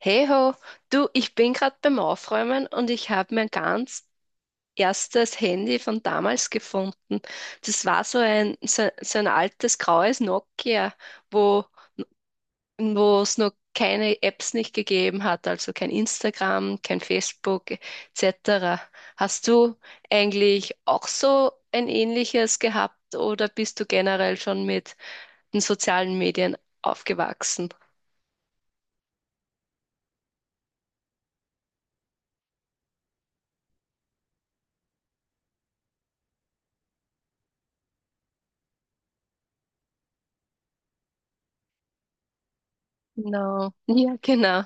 Hey ho, du, ich bin gerade beim Aufräumen und ich habe mein ganz erstes Handy von damals gefunden. Das war so ein altes graues Nokia, wo wo es noch keine Apps nicht gegeben hat, also kein Instagram, kein Facebook etc. Hast du eigentlich auch so ein ähnliches gehabt oder bist du generell schon mit den sozialen Medien aufgewachsen? Genau. Ja, genau.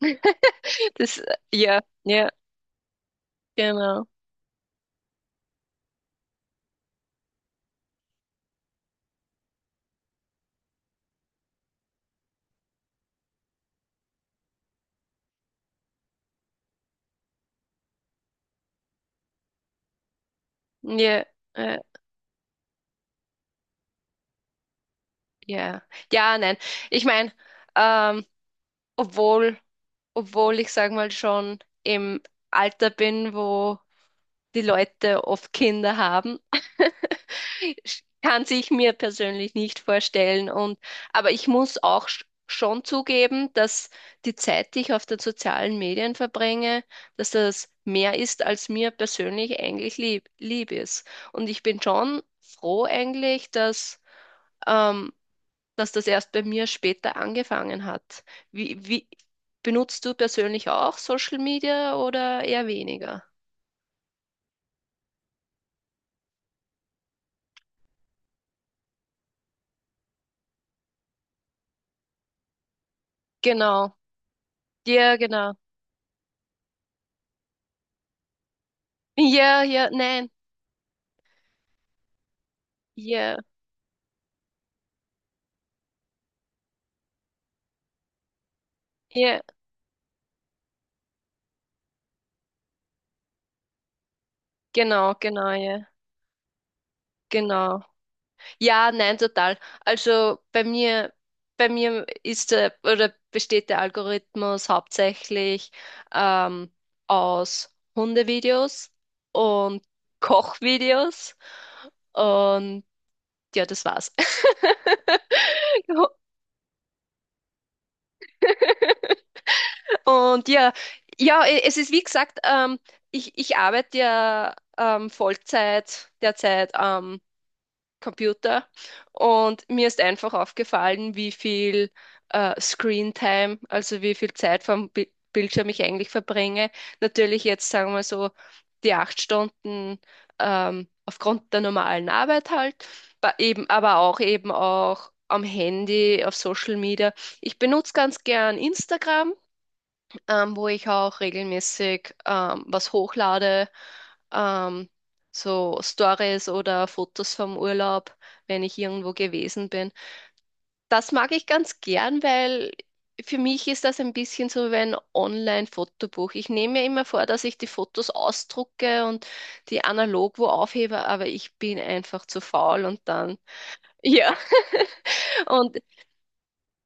Ja, ja, genau. Ja, äh, ja. Ja, nein. Ich meine, ähm, obwohl, obwohl ich sag mal schon im Alter bin, wo die Leute oft Kinder haben. Kann sich mir persönlich nicht vorstellen. Aber ich muss auch schon zugeben, dass die Zeit, die ich auf den sozialen Medien verbringe, dass das mehr ist, als mir persönlich eigentlich lieb ist. Und ich bin schon froh eigentlich, ähm, dass das erst bei mir später angefangen hat. Wie benutzt du persönlich auch Social Media oder eher weniger? Genau. Ja, genau. Ja, ja, nein. Ja, ja. Genau, genau, ja. Genau. Ja, nein, total. Also bei mir ist der, oder besteht der Algorithmus hauptsächlich ähm, aus Hundevideos und Kochvideos. Und ja, das war's. Und ja, ja, es ist wie gesagt. Ich arbeite ja Vollzeit derzeit am Computer und mir ist einfach aufgefallen, wie viel Screen-Time, also wie viel Zeit vom Bi Bildschirm ich eigentlich verbringe. Natürlich jetzt sagen wir so die 8 Stunden aufgrund der normalen Arbeit halt, eben, aber auch eben auch am Handy, auf Social Media. Ich benutze ganz gern Instagram, wo ich auch regelmäßig was hochlade, ähm, so Stories oder Fotos vom Urlaub, wenn ich irgendwo gewesen bin. Das mag ich ganz gern, weil für mich ist das ein bisschen so wie ein Online-Fotobuch. Ich nehme mir immer vor, dass ich die Fotos ausdrucke und die analog wo aufhebe, aber ich bin einfach zu faul und dann, ja, und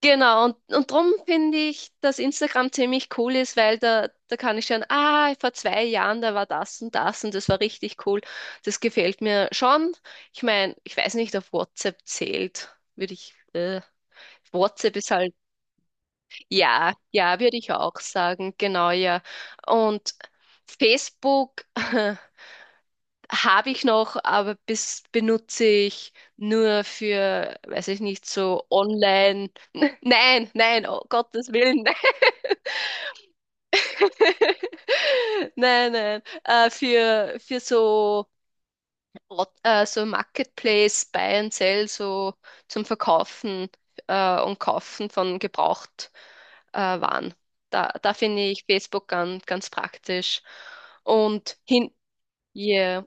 genau, und darum finde ich, dass Instagram ziemlich cool ist, weil da kann ich schauen, ah, vor 2 Jahren, da war das und das und das war richtig cool. Das gefällt mir schon. Ich meine, ich weiß nicht, ob WhatsApp zählt, würde ich, WhatsApp ist halt, ja, ja, würde ich auch sagen, genau, ja. Und Facebook habe ich noch, aber benutze ich nur für, weiß ich nicht, so online. Nein, nein, oh Gottes Willen. Nein, nein. Für so, so Marketplace, Buy and Sell, so zum Verkaufen und Kaufen von gebraucht Waren. Da finde ich Facebook ganz, ganz praktisch. Und hin, yeah,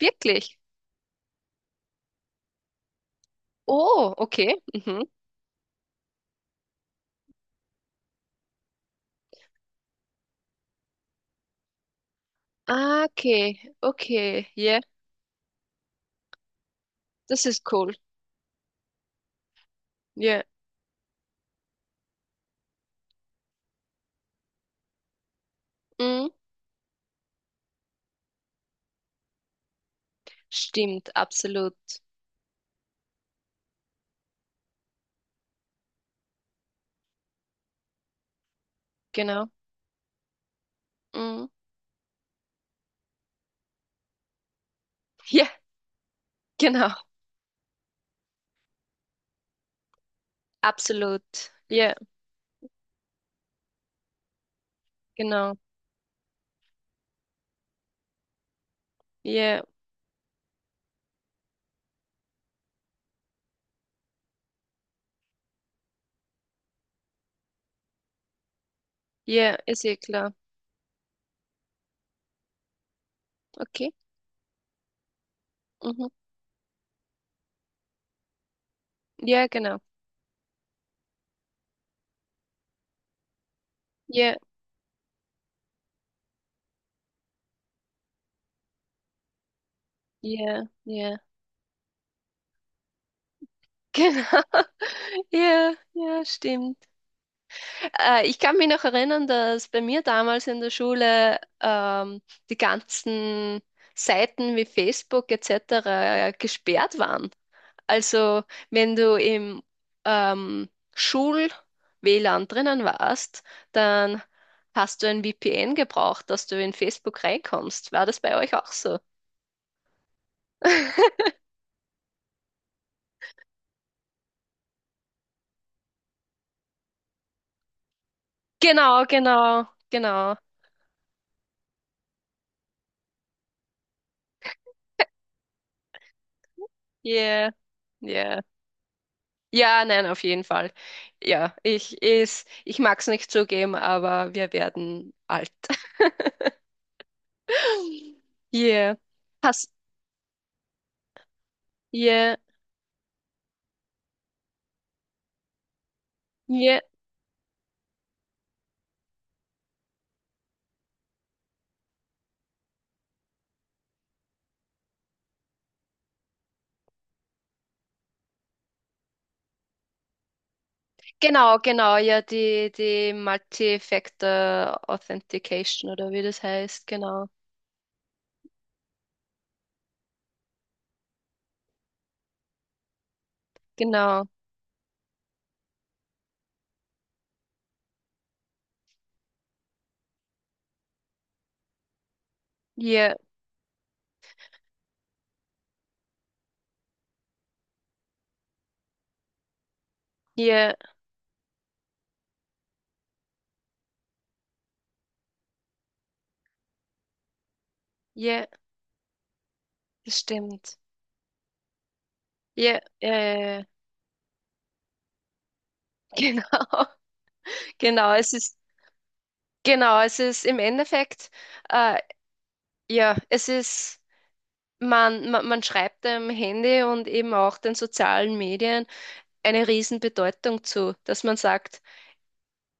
wirklich. Oh, okay. Mhm. Ah, okay, okay, yeah, das ist cool. Yeah, mm, stimmt, absolut. Genau. Mm, ja, genau. Absolut. Ja, genau. Ja, ja, ist ja klar. Okay. Mhm. Ja, genau. Ja, ja, ja. Genau. Ja, ja, stimmt. Ich kann mich noch erinnern, dass bei mir damals in der Schule die ganzen Seiten wie Facebook etc. gesperrt waren. Also, wenn du im ähm, Schul-WLAN drinnen warst, dann hast du ein VPN gebraucht, dass du in Facebook reinkommst. War das bei euch auch so? Genau, genau, genau. Yeah, yeah. Ja, nein, auf jeden Fall. Ja, ich mag es nicht zugeben, aber wir werden alt. Yeah. Hast, yeah, yeah. Genau, genau, ja, die Multi-Factor Authentication oder wie das heißt, genau. Genau. Ja, ja, ja, das stimmt. Ja, ja, ja, ja, genau. Genau, es ist, genau, es ist im Endeffekt, äh, ja, man schreibt dem Handy und eben auch den sozialen Medien eine Riesenbedeutung zu, dass man sagt,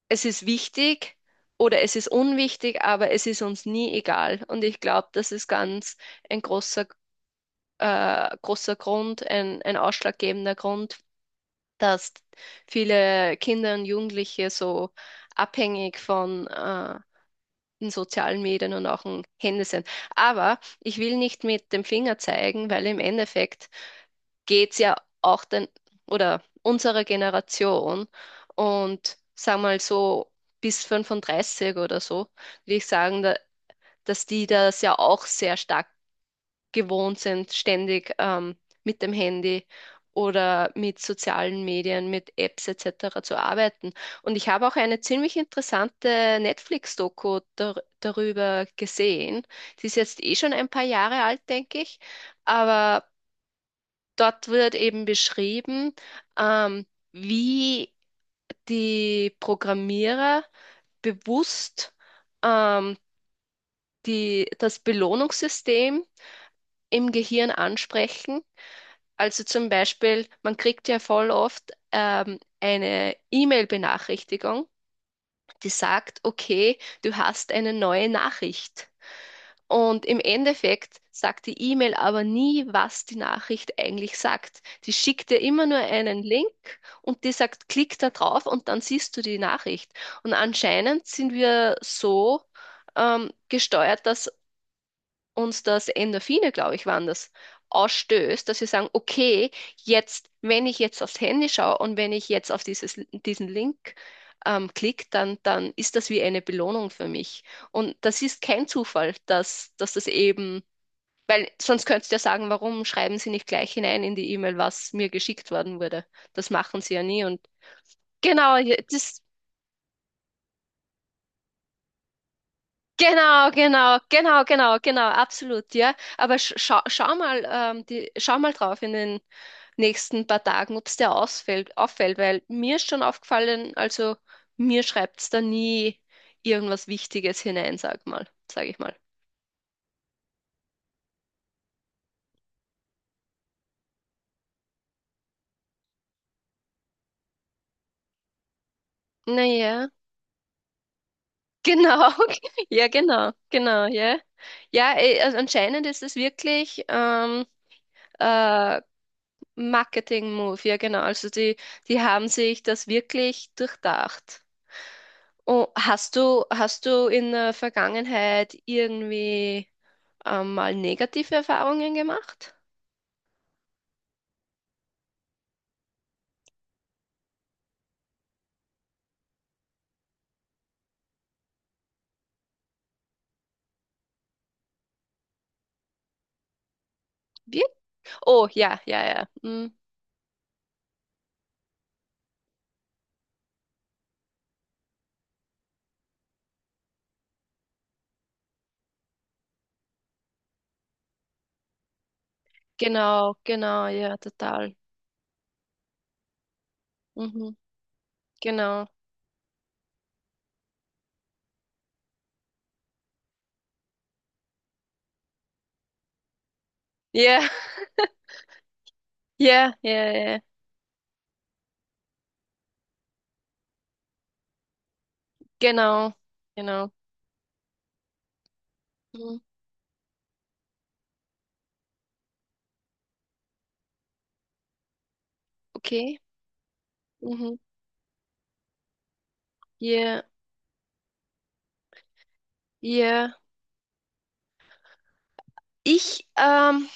es ist wichtig oder es ist unwichtig, aber es ist uns nie egal. Und ich glaube, das ist ganz ein großer, großer Grund, ein ausschlaggebender Grund, dass viele Kinder und Jugendliche so abhängig von den sozialen Medien und auch dem Handy sind. Aber ich will nicht mit dem Finger zeigen, weil im Endeffekt geht's ja auch den, oder unserer Generation und sag mal so bis 35 oder so, würde ich sagen, dass die das ja auch sehr stark gewohnt sind, ständig mit dem Handy oder mit sozialen Medien, mit Apps etc. zu arbeiten. Und ich habe auch eine ziemlich interessante Netflix-Doku darüber gesehen. Die ist jetzt eh schon ein paar Jahre alt, denke ich. Aber dort wird eben beschrieben, ähm, wie die Programmierer bewusst ähm, das Belohnungssystem im Gehirn ansprechen. Also zum Beispiel, man kriegt ja voll oft eine E-Mail-Benachrichtigung, die sagt, okay, du hast eine neue Nachricht. Und im Endeffekt sagt die E-Mail aber nie, was die Nachricht eigentlich sagt. Die schickt dir immer nur einen Link und die sagt, klick da drauf und dann siehst du die Nachricht. Und anscheinend sind wir so gesteuert, dass uns das Endorphine, glaube ich, waren das, ausstößt, dass wir sagen, okay, jetzt, wenn ich jetzt aufs Handy schaue und wenn ich jetzt auf diesen Link klicke, dann ist das wie eine Belohnung für mich. Und das ist kein Zufall, dass das eben, weil sonst könntest du ja sagen, warum schreiben Sie nicht gleich hinein in die E-Mail, was mir geschickt worden wurde. Das machen Sie ja nie. Und genau, ja, das Genau, genau, genau, genau, genau, absolut, ja. Aber schau mal, schau mal drauf in den nächsten paar Tagen, ob es dir ausfällt, auffällt, weil mir ist schon aufgefallen, also mir schreibt es da nie irgendwas Wichtiges hinein, sag ich mal. Naja, genau, ja, genau, genau, ja. Ja, eh, also anscheinend ist es wirklich äh, Marketing-Move, ja, genau. Also die haben sich das wirklich durchdacht. Oh, hast du in der Vergangenheit irgendwie mal negative Erfahrungen gemacht? Wirklich? Oh, ja, ja, ja. Mm, genau, genau, ja, total. Mhm, genau. Ja, ja, ja, ja. Genau, genau. Mhm, okay. Mhm, ja, ja. Ich, ähm,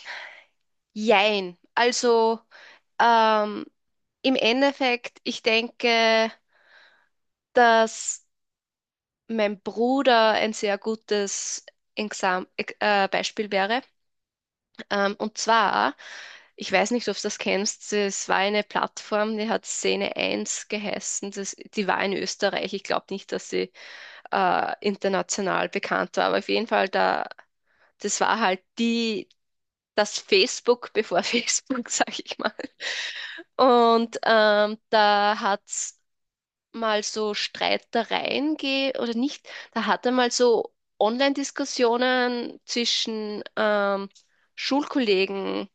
Jein. Also, ähm, im Endeffekt, ich denke, dass mein Bruder ein sehr gutes Exam Beispiel wäre. Und zwar, ich weiß nicht, ob du das kennst, es war eine Plattform, die hat Szene1 geheißen. Die war in Österreich. Ich glaube nicht, dass sie international bekannt war, aber auf jeden Fall, das war halt die. Das Facebook bevor Facebook, sag ich mal. Und da hat's mal so Streitereien gehe oder nicht, da hat er mal so Online-Diskussionen zwischen Schulkollegen,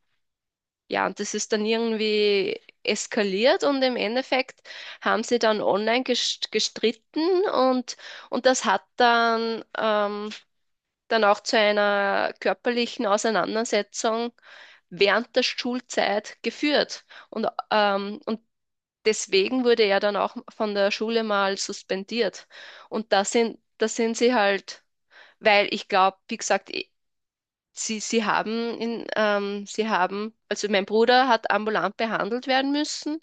ja, und das ist dann irgendwie eskaliert und im Endeffekt haben sie dann online gestritten und, und das hat dann auch zu einer körperlichen Auseinandersetzung während der Schulzeit geführt. Und deswegen wurde er dann auch von der Schule mal suspendiert. Und da sind sie halt, weil ich glaube, wie gesagt, eh, sie haben, also mein Bruder hat ambulant behandelt werden müssen.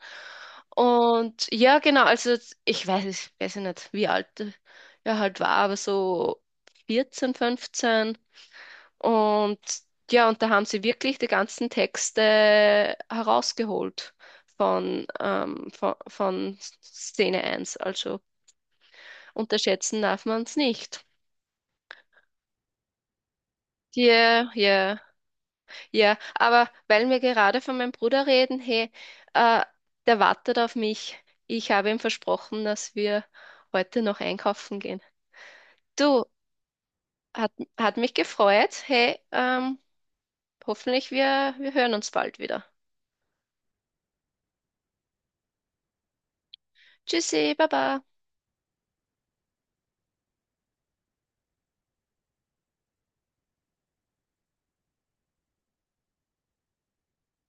Und ja, genau, also ich weiß, ja nicht, wie alt er halt war, aber so 14, 15. Und ja, und da haben sie wirklich die ganzen Texte herausgeholt von Szene1. Also unterschätzen darf man es nicht. Ja, ja, ja. Aber weil wir gerade von meinem Bruder reden, hey, äh, der wartet auf mich. Ich habe ihm versprochen, dass wir heute noch einkaufen gehen. Du, hat, hat mich gefreut. Hey, hoffentlich wir hören uns bald wieder. Tschüssi, Baba.